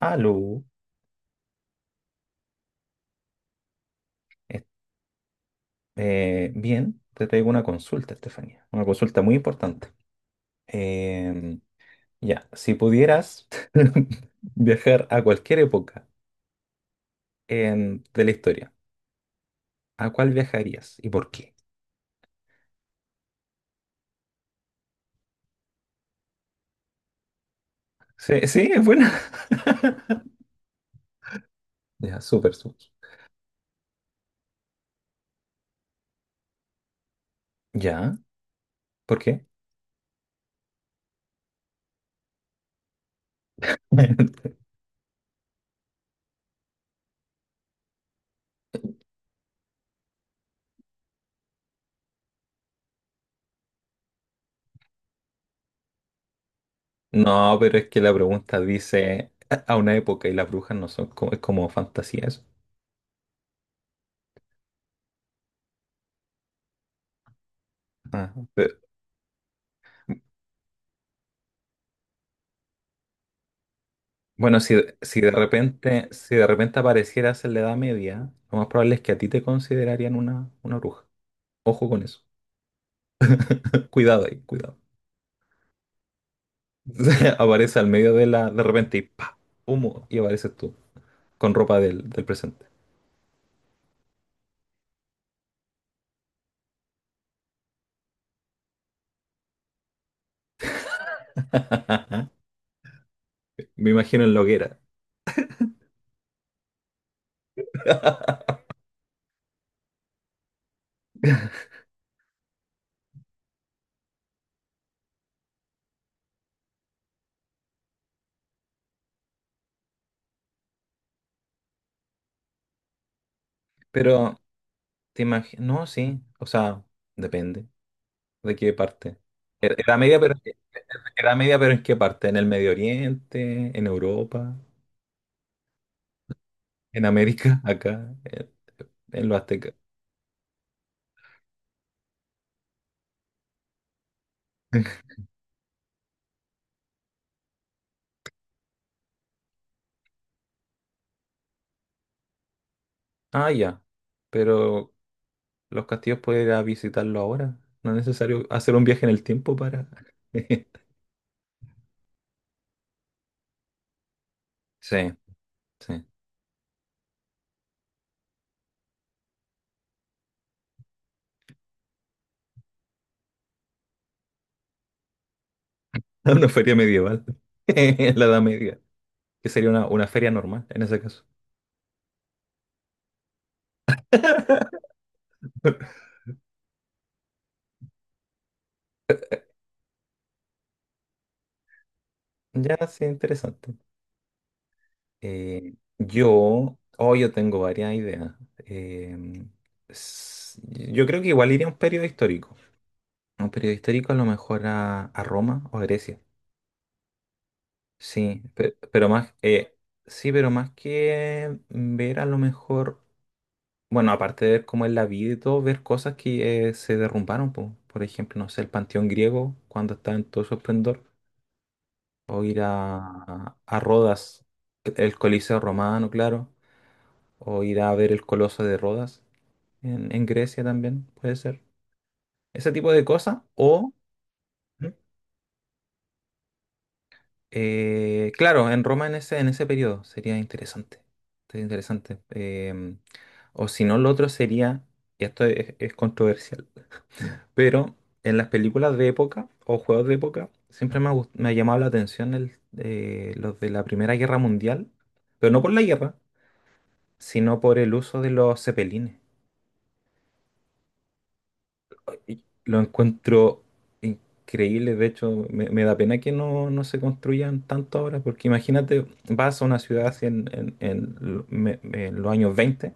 Aló, bien, te traigo una consulta, Estefanía, una consulta muy importante. Em, ya, si pudieras viajar a cualquier época de la historia, ¿a cuál viajarías y por qué? Sí, sí, es buena. Ya, súper, súper. Ya, ¿por qué? No, pero es que la pregunta dice a una época y las brujas no son como, es como fantasía eso. Ah. Bueno, si, si de repente, si de repente aparecieras en la Edad Media, lo más probable es que a ti te considerarían una bruja. Ojo con eso. Cuidado ahí, cuidado. Aparece al medio de la, de repente y ¡pa! Humo, y apareces tú, con ropa del presente. Me imagino en la hoguera. Pero, te imagino, no, sí, o sea, depende de qué parte. Ed- Edad media, pero, edad media, pero ¿en qué parte? ¿En el Medio Oriente? ¿En Europa? ¿En América? ¿Acá? ¿En los aztecas? Ah, ya. Pero los castillos puedes ir a visitarlo ahora. No es necesario hacer un viaje en el tiempo para... Sí, sí. Una feria medieval. En la Edad Media. Que sería una feria normal en ese caso. Ya, sí, interesante. Yo, oh, yo tengo varias ideas. Eh, s- yo creo que igual iría a un periodo histórico. Un periodo histórico a lo mejor a Roma o Grecia. Sí, pero, más, sí, pero más que ver a lo mejor, bueno, aparte de ver cómo es la vida y todo, ver cosas que se derrumbaron, po. Por ejemplo, no sé, el Panteón griego cuando estaba en todo su esplendor, o ir a Rodas, el Coliseo romano, claro, o ir a ver el Coloso de Rodas en Grecia también, puede ser. Ese tipo de cosas, o... ¿Mm? Claro, en Roma en ese periodo sería interesante. Sería interesante. O si no, lo otro sería, y esto es controversial, pero en las películas de época o juegos de época siempre me ha, me ha llamado la atención el, los de la Primera Guerra Mundial, pero no por la guerra, sino por el uso de los cepelines. Y lo encuentro increíble, de hecho, me da pena que no, no se construyan tanto ahora, porque imagínate, vas a una ciudad así en, en los años 20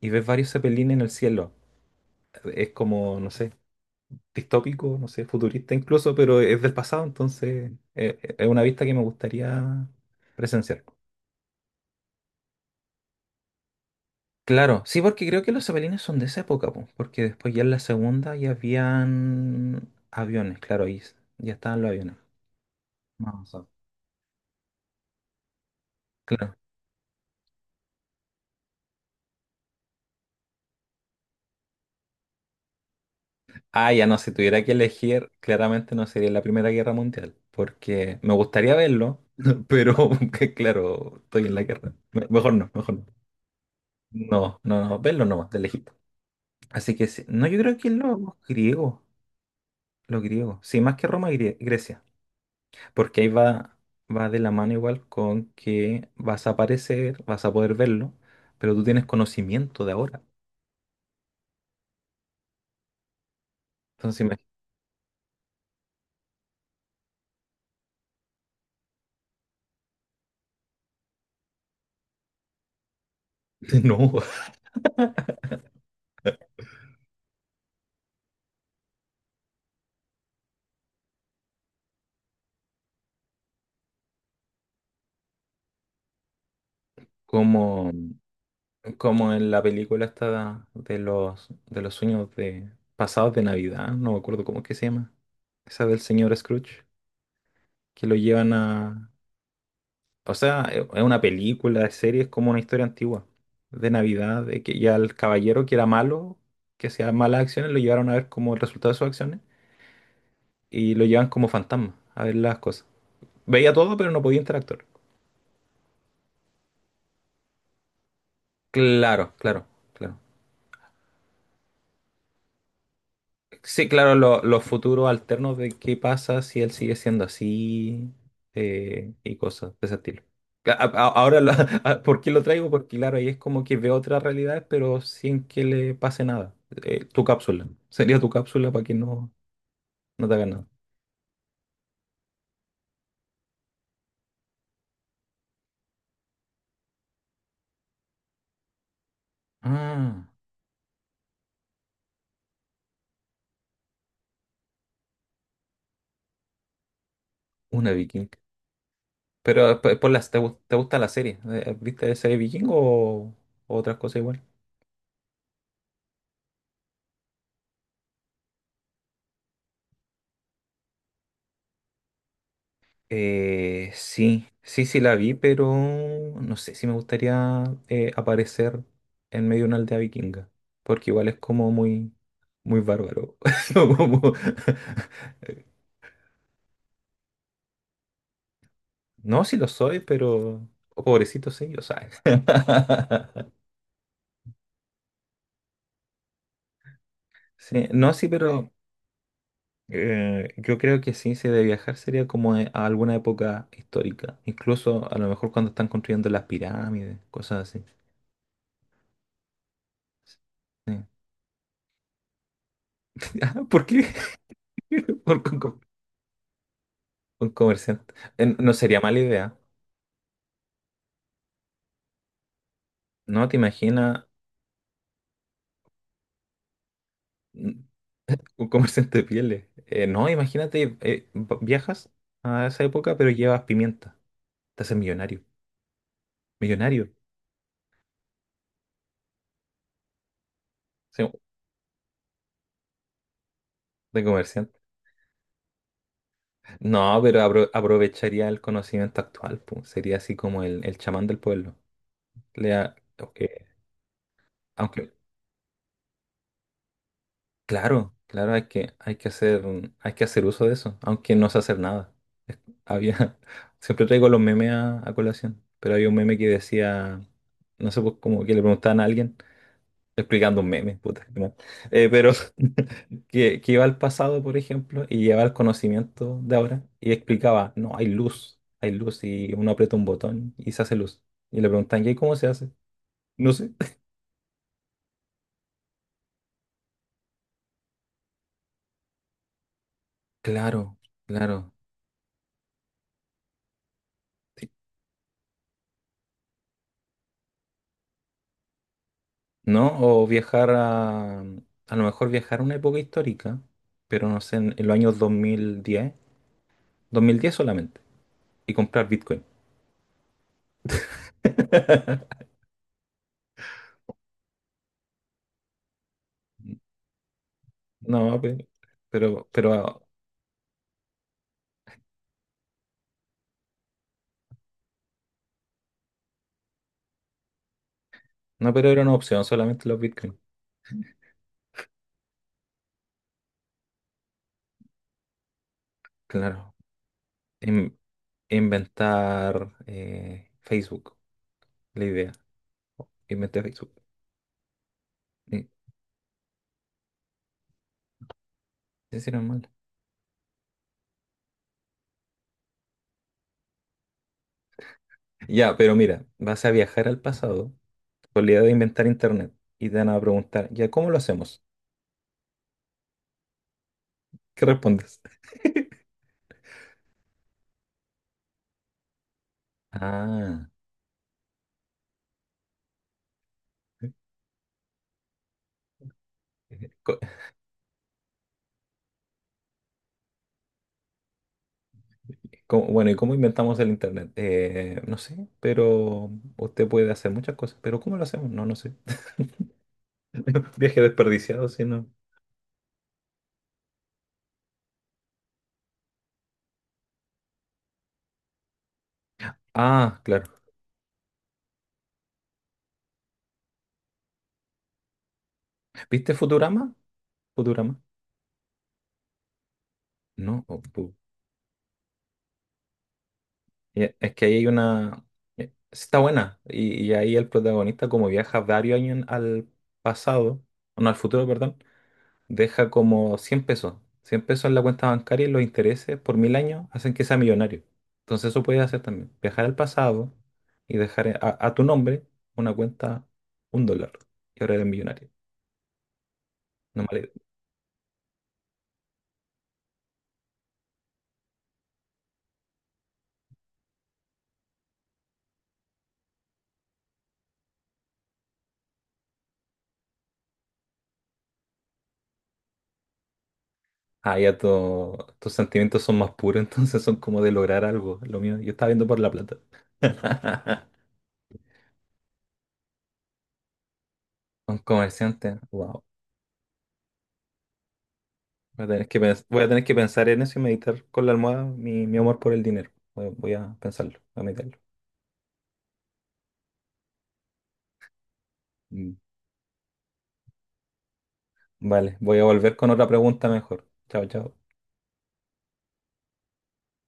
y ves varios zeppelines en el cielo. Es como, no sé, distópico, no sé, futurista incluso, pero es del pasado, entonces es una vista que me gustaría presenciar. Claro, sí, porque creo que los zeppelines son de esa época, po, porque después ya en la segunda ya habían aviones, claro, ya estaban los aviones. Claro. Ah, ya no, si tuviera que elegir, claramente no sería la Primera Guerra Mundial, porque me gustaría verlo, pero que claro, estoy en la guerra. Mejor no, mejor no. No, no, no, verlo nomás, del Egipto. Así que sí, no, yo creo que griegos, los griegos, sí, más que Roma, Grecia, porque ahí va, va de la mano igual con que vas a aparecer, vas a poder verlo, pero tú tienes conocimiento de ahora. Entonces, imagínate, no, como... Como en la película esta de los sueños de pasados de Navidad, no me acuerdo cómo es que se llama. Esa del señor Scrooge, que lo llevan a... O sea, es una película, es serie, es como una historia antigua de Navidad, de que ya el caballero que era malo, que hacía malas acciones, lo llevaron a ver como el resultado de sus acciones y lo llevan como fantasma a ver las cosas. Veía todo, pero no podía interactuar. Claro, claro, claro. Sí, claro, los futuros alternos de qué pasa si él sigue siendo así y cosas de ese estilo. Ahora, ¿por qué lo traigo? Porque claro, ahí es como que ve otra realidad, pero sin que le pase nada. Tu cápsula. Sería tu cápsula para que no, no te haga nada. Ah, una vikinga. Pero, por las, ¿te, te gusta la serie? ¿Viste la serie vikingo o otras cosas igual? Sí, sí, sí la vi, pero no sé si me gustaría aparecer en medio de una aldea vikinga, porque igual es como muy, muy bárbaro. Como... No, sí lo soy, pero oh, pobrecito sí, o sea. Sí, no, sí, pero yo creo que sí, si de viajar sería como a alguna época histórica, incluso a lo mejor cuando están construyendo las pirámides, cosas así. Sí. Ah, ¿por qué? ¿Por qué? Un comerciante. No sería mala idea. No, te imaginas mm, un comerciante de pieles. No, imagínate, viajas a esa época, pero llevas pimienta. Te haces millonario. Millonario. Sí, de comerciante. No, pero aprovecharía el conocimiento actual, pues. Sería así como el chamán del pueblo. Le da- ok, aunque, claro, claro, hay que hacer, hay que hacer uso de eso, aunque no sé hacer nada. Es- Había, siempre traigo los memes a colación, pero había un meme que decía, no sé, pues como que le preguntaban a alguien, explicando un meme, puta, qué mal. Pero que iba al pasado, por ejemplo, y llevaba el conocimiento de ahora y explicaba, no, hay luz y uno aprieta un botón y se hace luz. Y le preguntan, ¿y cómo se hace? No sé. Claro, claro. ¿No? O viajar a lo mejor viajar a una época histórica, pero no sé, en los años 2010, 2010 solamente, y comprar Bitcoin. No, pero, no, pero era una opción, solamente los Bitcoin, claro. In- inventar Facebook, la idea, inventé Facebook. Sí, sí, sí, normal. Ya, pero mira, vas a viajar al pasado con la idea de inventar Internet y te van a preguntar, ¿ya cómo lo hacemos? ¿Qué respondes? Ah. Co- Bueno, ¿y cómo inventamos el internet? No sé, pero usted puede hacer muchas cosas, pero ¿cómo lo hacemos? No, no sé. Viaje desperdiciado, si no. Ah, claro. ¿Viste Futurama? Futurama. No, ya, es que ahí hay una... está buena. Y ahí el protagonista como viaja varios años al pasado, no, al futuro, perdón, deja como 100 pesos, 100 pesos en la cuenta bancaria y los intereses por 1.000 años hacen que sea millonario. Entonces eso puedes hacer también. Viajar al pasado y dejar a tu nombre una cuenta, 1 dólar. Y ahora eres millonario. No mala idea. Ah, ya tus sentimientos son más puros, entonces son como de lograr algo. Lo mío, yo estaba viendo por la plata. Un comerciante, wow. Voy a tener que, voy a tener que pensar en eso y meditar con la almohada mi, mi amor por el dinero. Voy, voy a pensarlo, a meditarlo. Mm. Vale, voy a volver con otra pregunta mejor. Chao, chao.